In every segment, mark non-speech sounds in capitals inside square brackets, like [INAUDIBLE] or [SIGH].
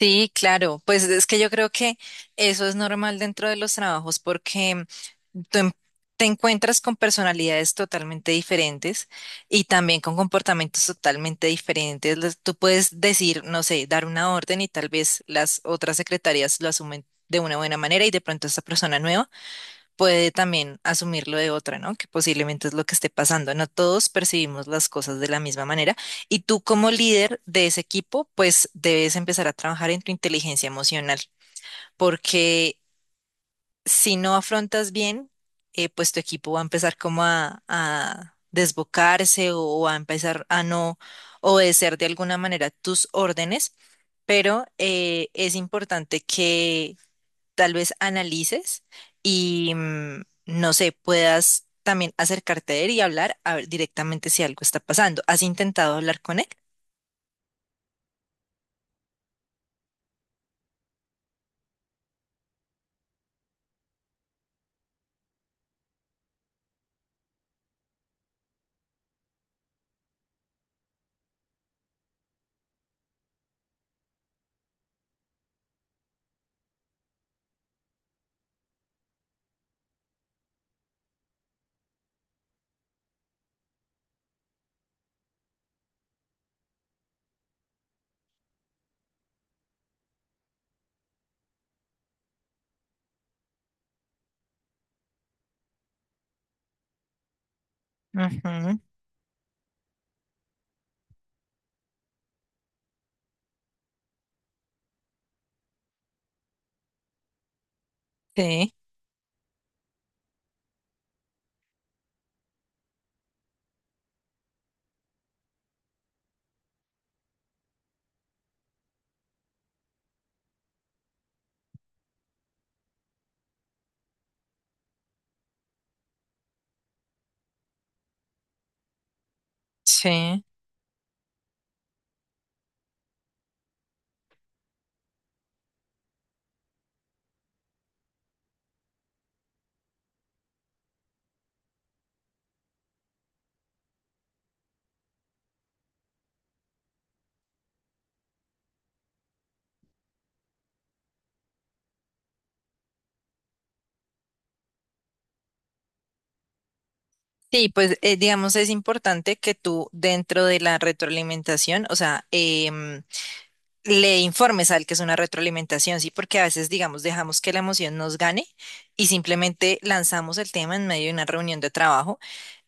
Sí, claro, pues es que yo creo que eso es normal dentro de los trabajos porque tú en- te encuentras con personalidades totalmente diferentes y también con comportamientos totalmente diferentes. Tú puedes decir, no sé, dar una orden y tal vez las otras secretarias lo asumen de una buena manera y de pronto esta persona nueva puede también asumirlo de otra, ¿no? Que posiblemente es lo que esté pasando. No todos percibimos las cosas de la misma manera y tú como líder de ese equipo, pues debes empezar a trabajar en tu inteligencia emocional, porque si no afrontas bien, pues tu equipo va a empezar como a desbocarse o a empezar a no obedecer de alguna manera tus órdenes, pero es importante que tal vez analices y no sé, puedas también acercarte a él y hablar a ver directamente si algo está pasando. ¿Has intentado hablar con él? Ujú, sí, sí. Sí, pues digamos es importante que tú dentro de la retroalimentación, o sea, le informes al que es una retroalimentación, sí, porque a veces, digamos, dejamos que la emoción nos gane y simplemente lanzamos el tema en medio de una reunión de trabajo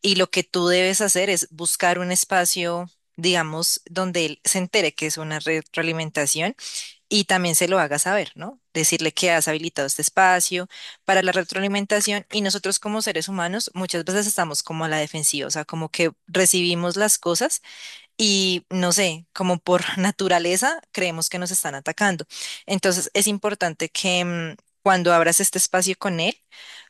y lo que tú debes hacer es buscar un espacio, digamos, donde él se entere que es una retroalimentación y también se lo haga saber, ¿no? Decirle que has habilitado este espacio para la retroalimentación y nosotros como seres humanos muchas veces estamos como a la defensiva, o sea, como que recibimos las cosas y no sé, como por [LAUGHS] naturaleza creemos que nos están atacando. Entonces es importante que cuando abras este espacio con él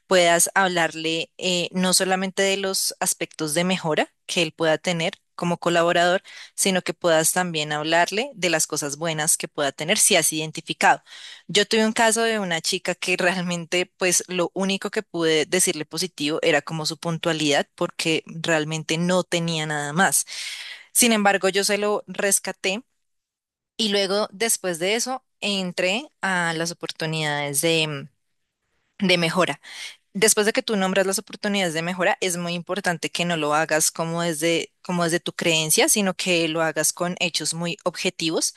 puedas hablarle no solamente de los aspectos de mejora que él pueda tener como colaborador, sino que puedas también hablarle de las cosas buenas que pueda tener si has identificado. Yo tuve un caso de una chica que realmente, pues lo único que pude decirle positivo era como su puntualidad, porque realmente no tenía nada más. Sin embargo, yo se lo rescaté y luego después de eso entré a las oportunidades de mejora. Después de que tú nombras las oportunidades de mejora, es muy importante que no lo hagas como desde tu creencia, sino que lo hagas con hechos muy objetivos,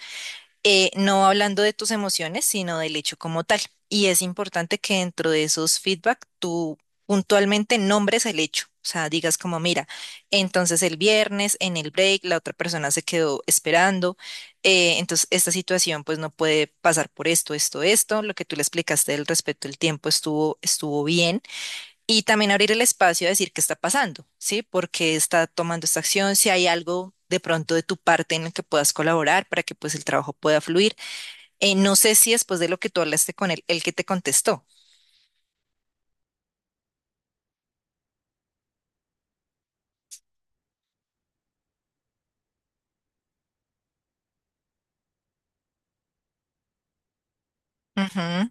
no hablando de tus emociones, sino del hecho como tal. Y es importante que dentro de esos feedback tú puntualmente nombres el hecho. O sea, digas como, mira, entonces el viernes en el break la otra persona se quedó esperando, entonces esta situación pues no puede pasar por esto, esto, esto, lo que tú le explicaste del respecto del tiempo estuvo bien, y también abrir el espacio a decir qué está pasando, ¿sí? Por qué está tomando esta acción, si hay algo de pronto de tu parte en el que puedas colaborar para que pues el trabajo pueda fluir. No sé si después de lo que tú hablaste con él, el que te contestó. Ujú,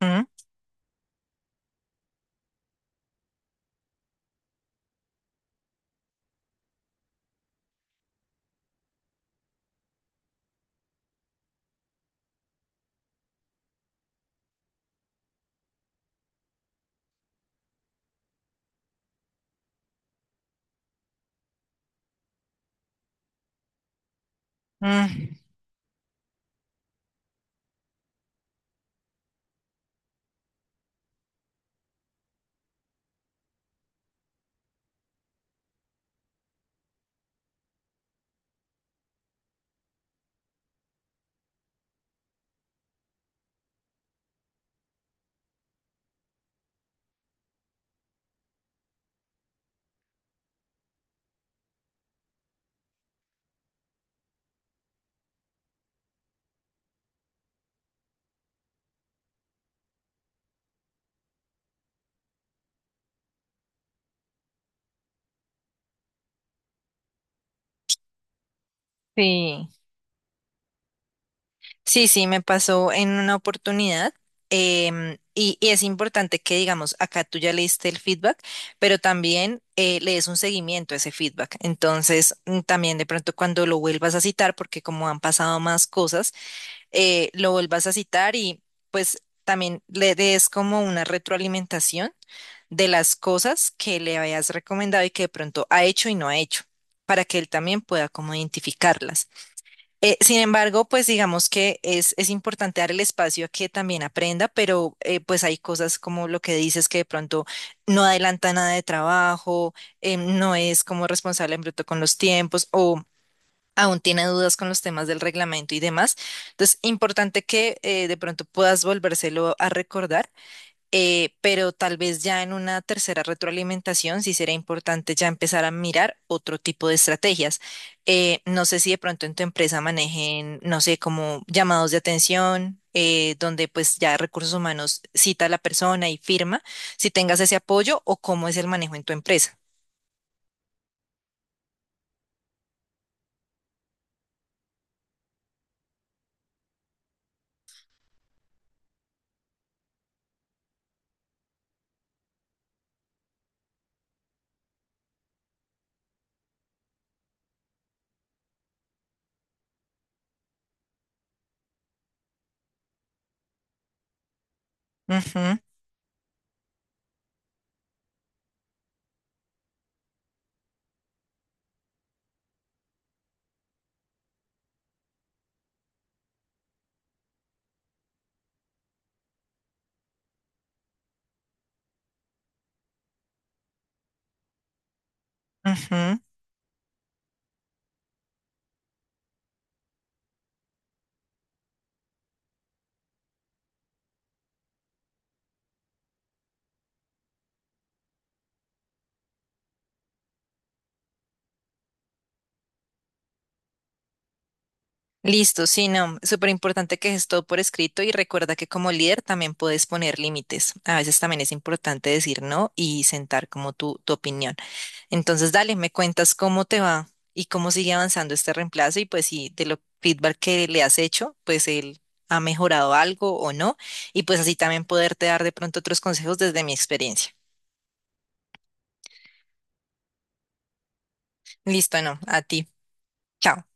ujú, mm, sí, sí, me pasó en una oportunidad. Y es importante que, digamos, acá tú ya leíste el feedback, pero también le des un seguimiento a ese feedback. Entonces, también de pronto cuando lo vuelvas a citar, porque como han pasado más cosas, lo vuelvas a citar y pues también le des como una retroalimentación de las cosas que le hayas recomendado y que de pronto ha hecho y no ha hecho, para que él también pueda como identificarlas. Sin embargo, pues digamos que es importante dar el espacio a que también aprenda, pero pues hay cosas como lo que dices que de pronto no adelanta nada de trabajo, no es como responsable en bruto con los tiempos o aún tiene dudas con los temas del reglamento y demás. Entonces, importante que de pronto puedas volvérselo a recordar, pero tal vez ya en una tercera retroalimentación sí será importante ya empezar a mirar otro tipo de estrategias. No sé si de pronto en tu empresa manejen, no sé, como llamados de atención. Donde pues ya recursos humanos cita a la persona y firma, si tengas ese apoyo o cómo es el manejo en tu empresa. Ujú, ujú. Listo, sí, no, súper importante que es todo por escrito y recuerda que como líder también puedes poner límites. A veces también es importante decir no y sentar como tu opinión. Entonces, dale, me cuentas cómo te va y cómo sigue avanzando este reemplazo y pues si de lo feedback que le has hecho, pues él ha mejorado algo o no y pues así también poderte dar de pronto otros consejos desde mi experiencia. Listo, no, a ti. Chao.